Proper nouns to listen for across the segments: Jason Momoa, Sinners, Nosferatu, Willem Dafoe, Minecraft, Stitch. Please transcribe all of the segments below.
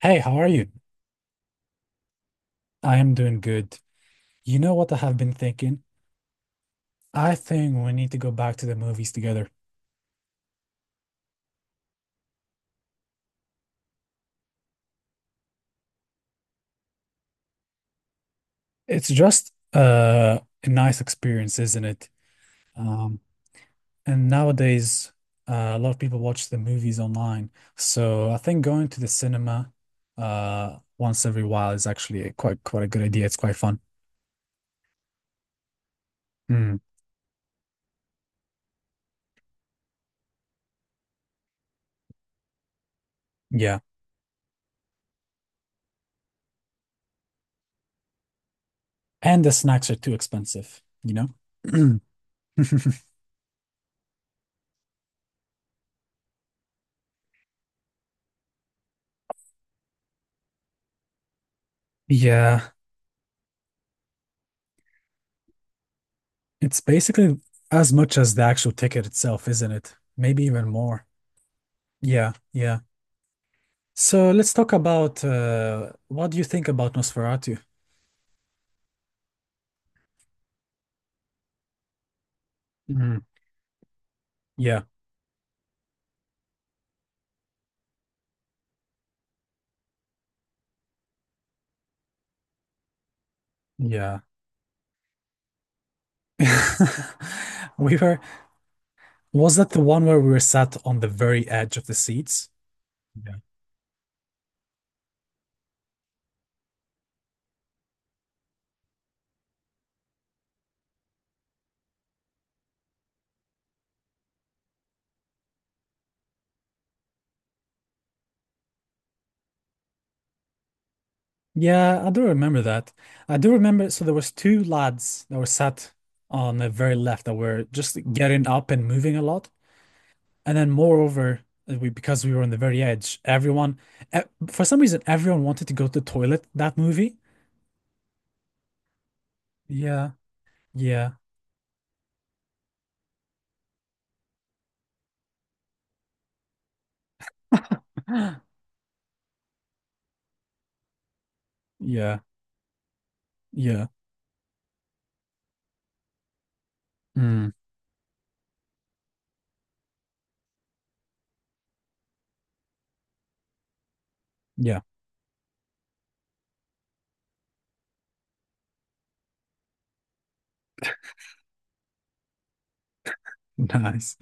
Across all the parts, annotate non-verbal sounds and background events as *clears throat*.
Hey, how are you? I am doing good. You know what I have been thinking? I think we need to go back to the movies together. It's just a nice experience, isn't it? Um, and nowadays, a lot of people watch the movies online. So I think going to the cinema once every while is actually a quite a good idea. It's quite fun. Mm, yeah. And the snacks are too expensive, you know? *clears throat* Yeah. It's basically as much as the actual ticket itself, isn't it? Maybe even more. Yeah, yeah. So let's talk about what do you think about Nosferatu? Mm. Yeah, yeah. *laughs* We were, was that the one where we were sat on the very edge of the seats? Yeah. Yeah, I do remember that. I do remember, so there was two lads that were sat on the very left that were just getting up and moving a lot. And then moreover, we because we were on the very edge, everyone e- for some reason everyone wanted to go to the toilet that movie. Yeah, yeah. *laughs* Yeah, yeah. Mm, yeah, *laughs* nice.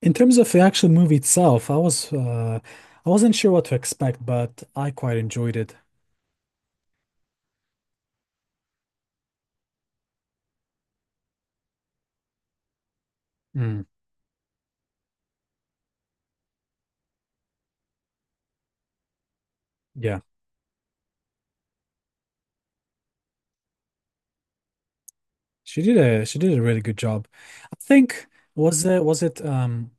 In terms of the actual movie itself, I wasn't sure what to expect, but I quite enjoyed it. Mm, yeah. She did a really good job. I think was it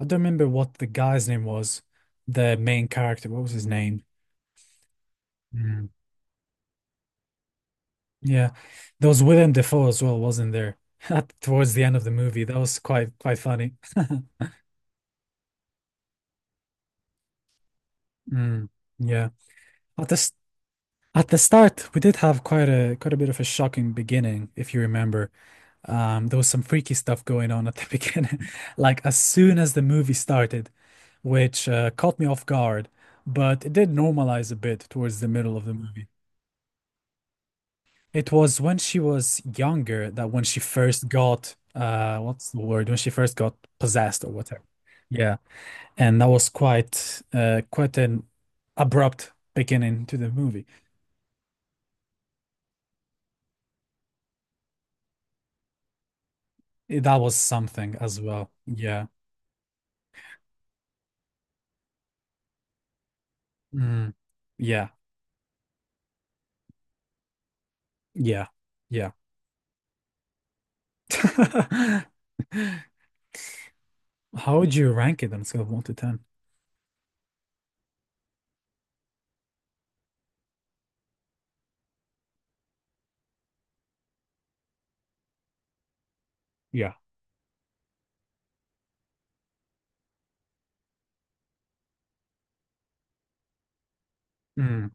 I don't remember what the guy's name was, the main character. What was his name? Yeah. There was Willem Dafoe as well, wasn't there? *laughs* At, towards the end of the movie. That was quite funny. Mm, yeah. At the s- at the start, we did have quite a bit of a shocking beginning, if you remember. There was some freaky stuff going on at the *laughs* beginning. Like as soon as the movie started, which caught me off guard, but it did normalize a bit towards the middle of the movie. It was when she was younger that when she first got what's the word? When she first got possessed or whatever. Yeah. And that was quite an abrupt beginning to the movie. That was something as well. Yeah. Mm. Yeah. Yeah. Yeah. *laughs* How would you rank it on a scale of one to ten? Yeah. Mm.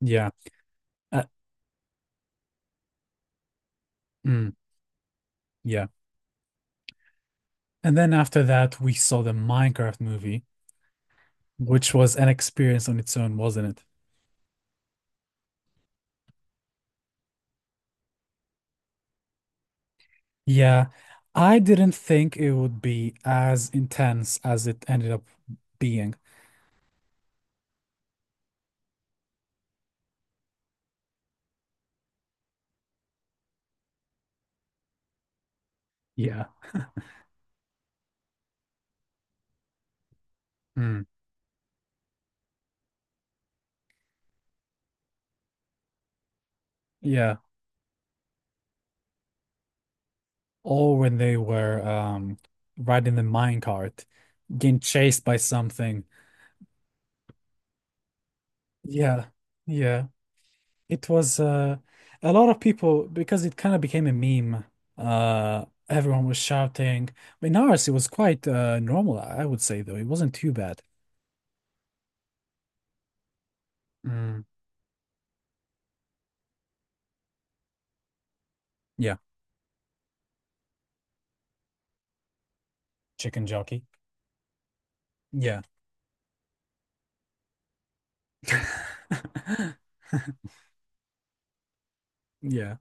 Yeah. Uh, mm. Yeah. And then after that, we saw the Minecraft movie, which was an experience on its own, wasn't it? Yeah. I didn't think it would be as intense as it ended up being. Yeah. Mm. Yeah. Or when they were riding the minecart, getting chased by something. Yeah. Yeah. It was a lot of people because it kind of became a meme. Everyone was shouting. In ours it was quite normal, I would say though. It wasn't too bad. Mm. Yeah. Chicken jockey. Yeah. *laughs* Yeah.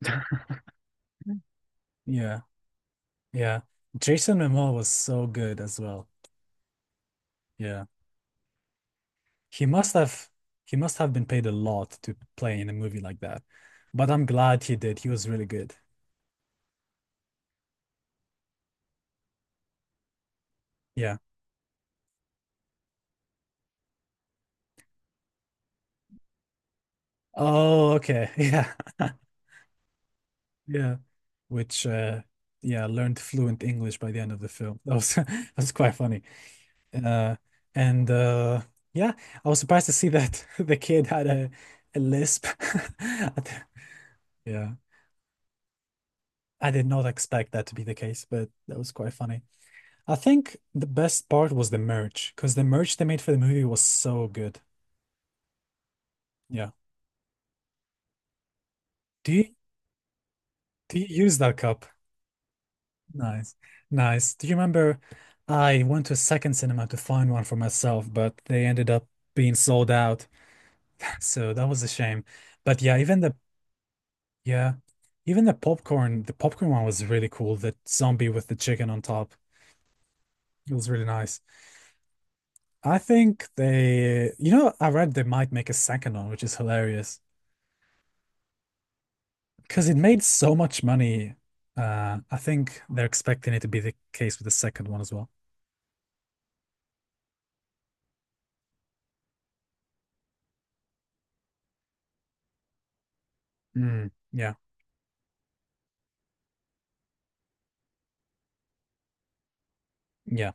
*laughs* Yeah. Yeah. Jason Momoa was so good as well. Yeah. He must have he must have been paid a lot to play in a movie like that. But I'm glad he did. He was really good. Yeah. Oh, okay. *laughs* Yeah. *laughs* Yeah. Which yeah, learned fluent English by the end of the film. That was *laughs* that was quite funny. Uh and yeah, I was surprised to see that *laughs* the kid had a lisp. *laughs* I d- Yeah. I did not expect that to be the case, but that was quite funny. I think the best part was the merch, because the merch they made for the movie was so good. Yeah. Do you do you use that cup? Nice. Nice. Do you remember I went to a second cinema to find one for myself, but they ended up being sold out. *laughs* So that was a shame. But yeah, even the popcorn one was really cool. The zombie with the chicken on top. It was really nice. I think they, you know, I read they might make a second one, which is hilarious. Because it made so much money. I think they're expecting it to be the case with the second one as well. Mm, yeah, yeah.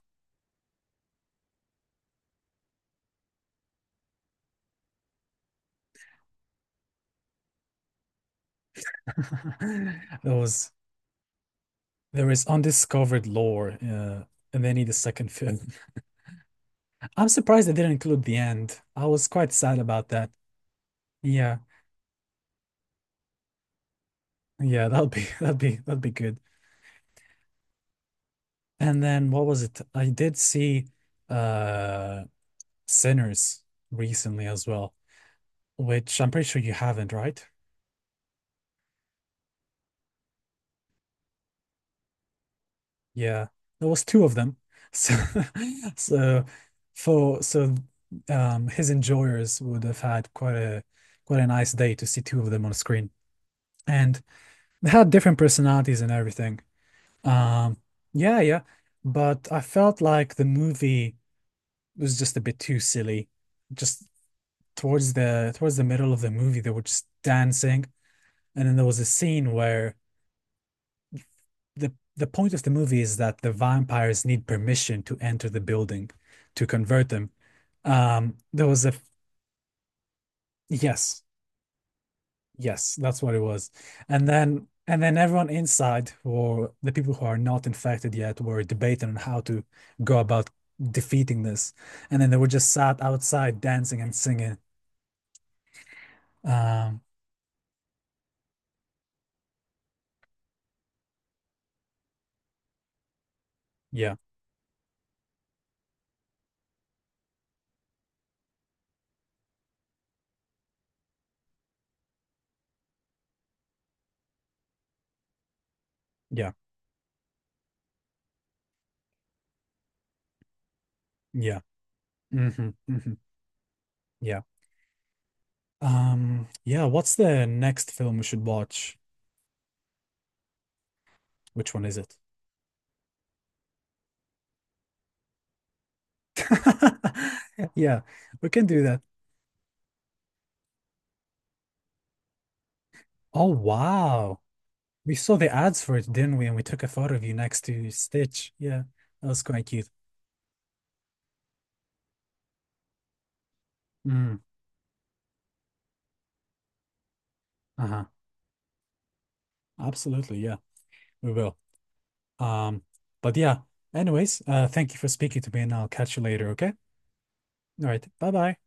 *laughs* There was there is undiscovered lore, and they need a second film. *laughs* I'm surprised they didn't include the end. I was quite sad about that. Yeah, yeah. That'll be *laughs* that'll be good. And then what was it? I did see uh Sinners recently as well, which I'm pretty sure you haven't, right? Yeah, there was two of them. *laughs* So, so so his enjoyers would have had quite a nice day to see two of them on screen, and they had different personalities and everything. Um, yeah, yeah, but I felt like the movie was just a bit too silly. Just towards the middle of the movie, they were just dancing, and then there was a scene where the point of the movie is that the vampires need permission to enter the building to convert them. There was a Yes, yes, that's what it was. And then everyone inside, or the people who are not infected yet, were debating on how to go about defeating this. And then they were just sat outside dancing and singing. Um, yeah, yeah, yeah. Hmm. Hmm. Yeah. Yeah, what's the next film we should watch? Which one is it? *laughs* Yeah, we can do that. Oh, wow. We saw the ads for it, didn't we? And we took a photo of you next to Stitch. Yeah, that was quite cute. Mm, uh-huh. Absolutely. Yeah, we will. Um, but yeah, anyways, thank you for speaking to me and I'll catch you later, okay? All right. Bye-bye.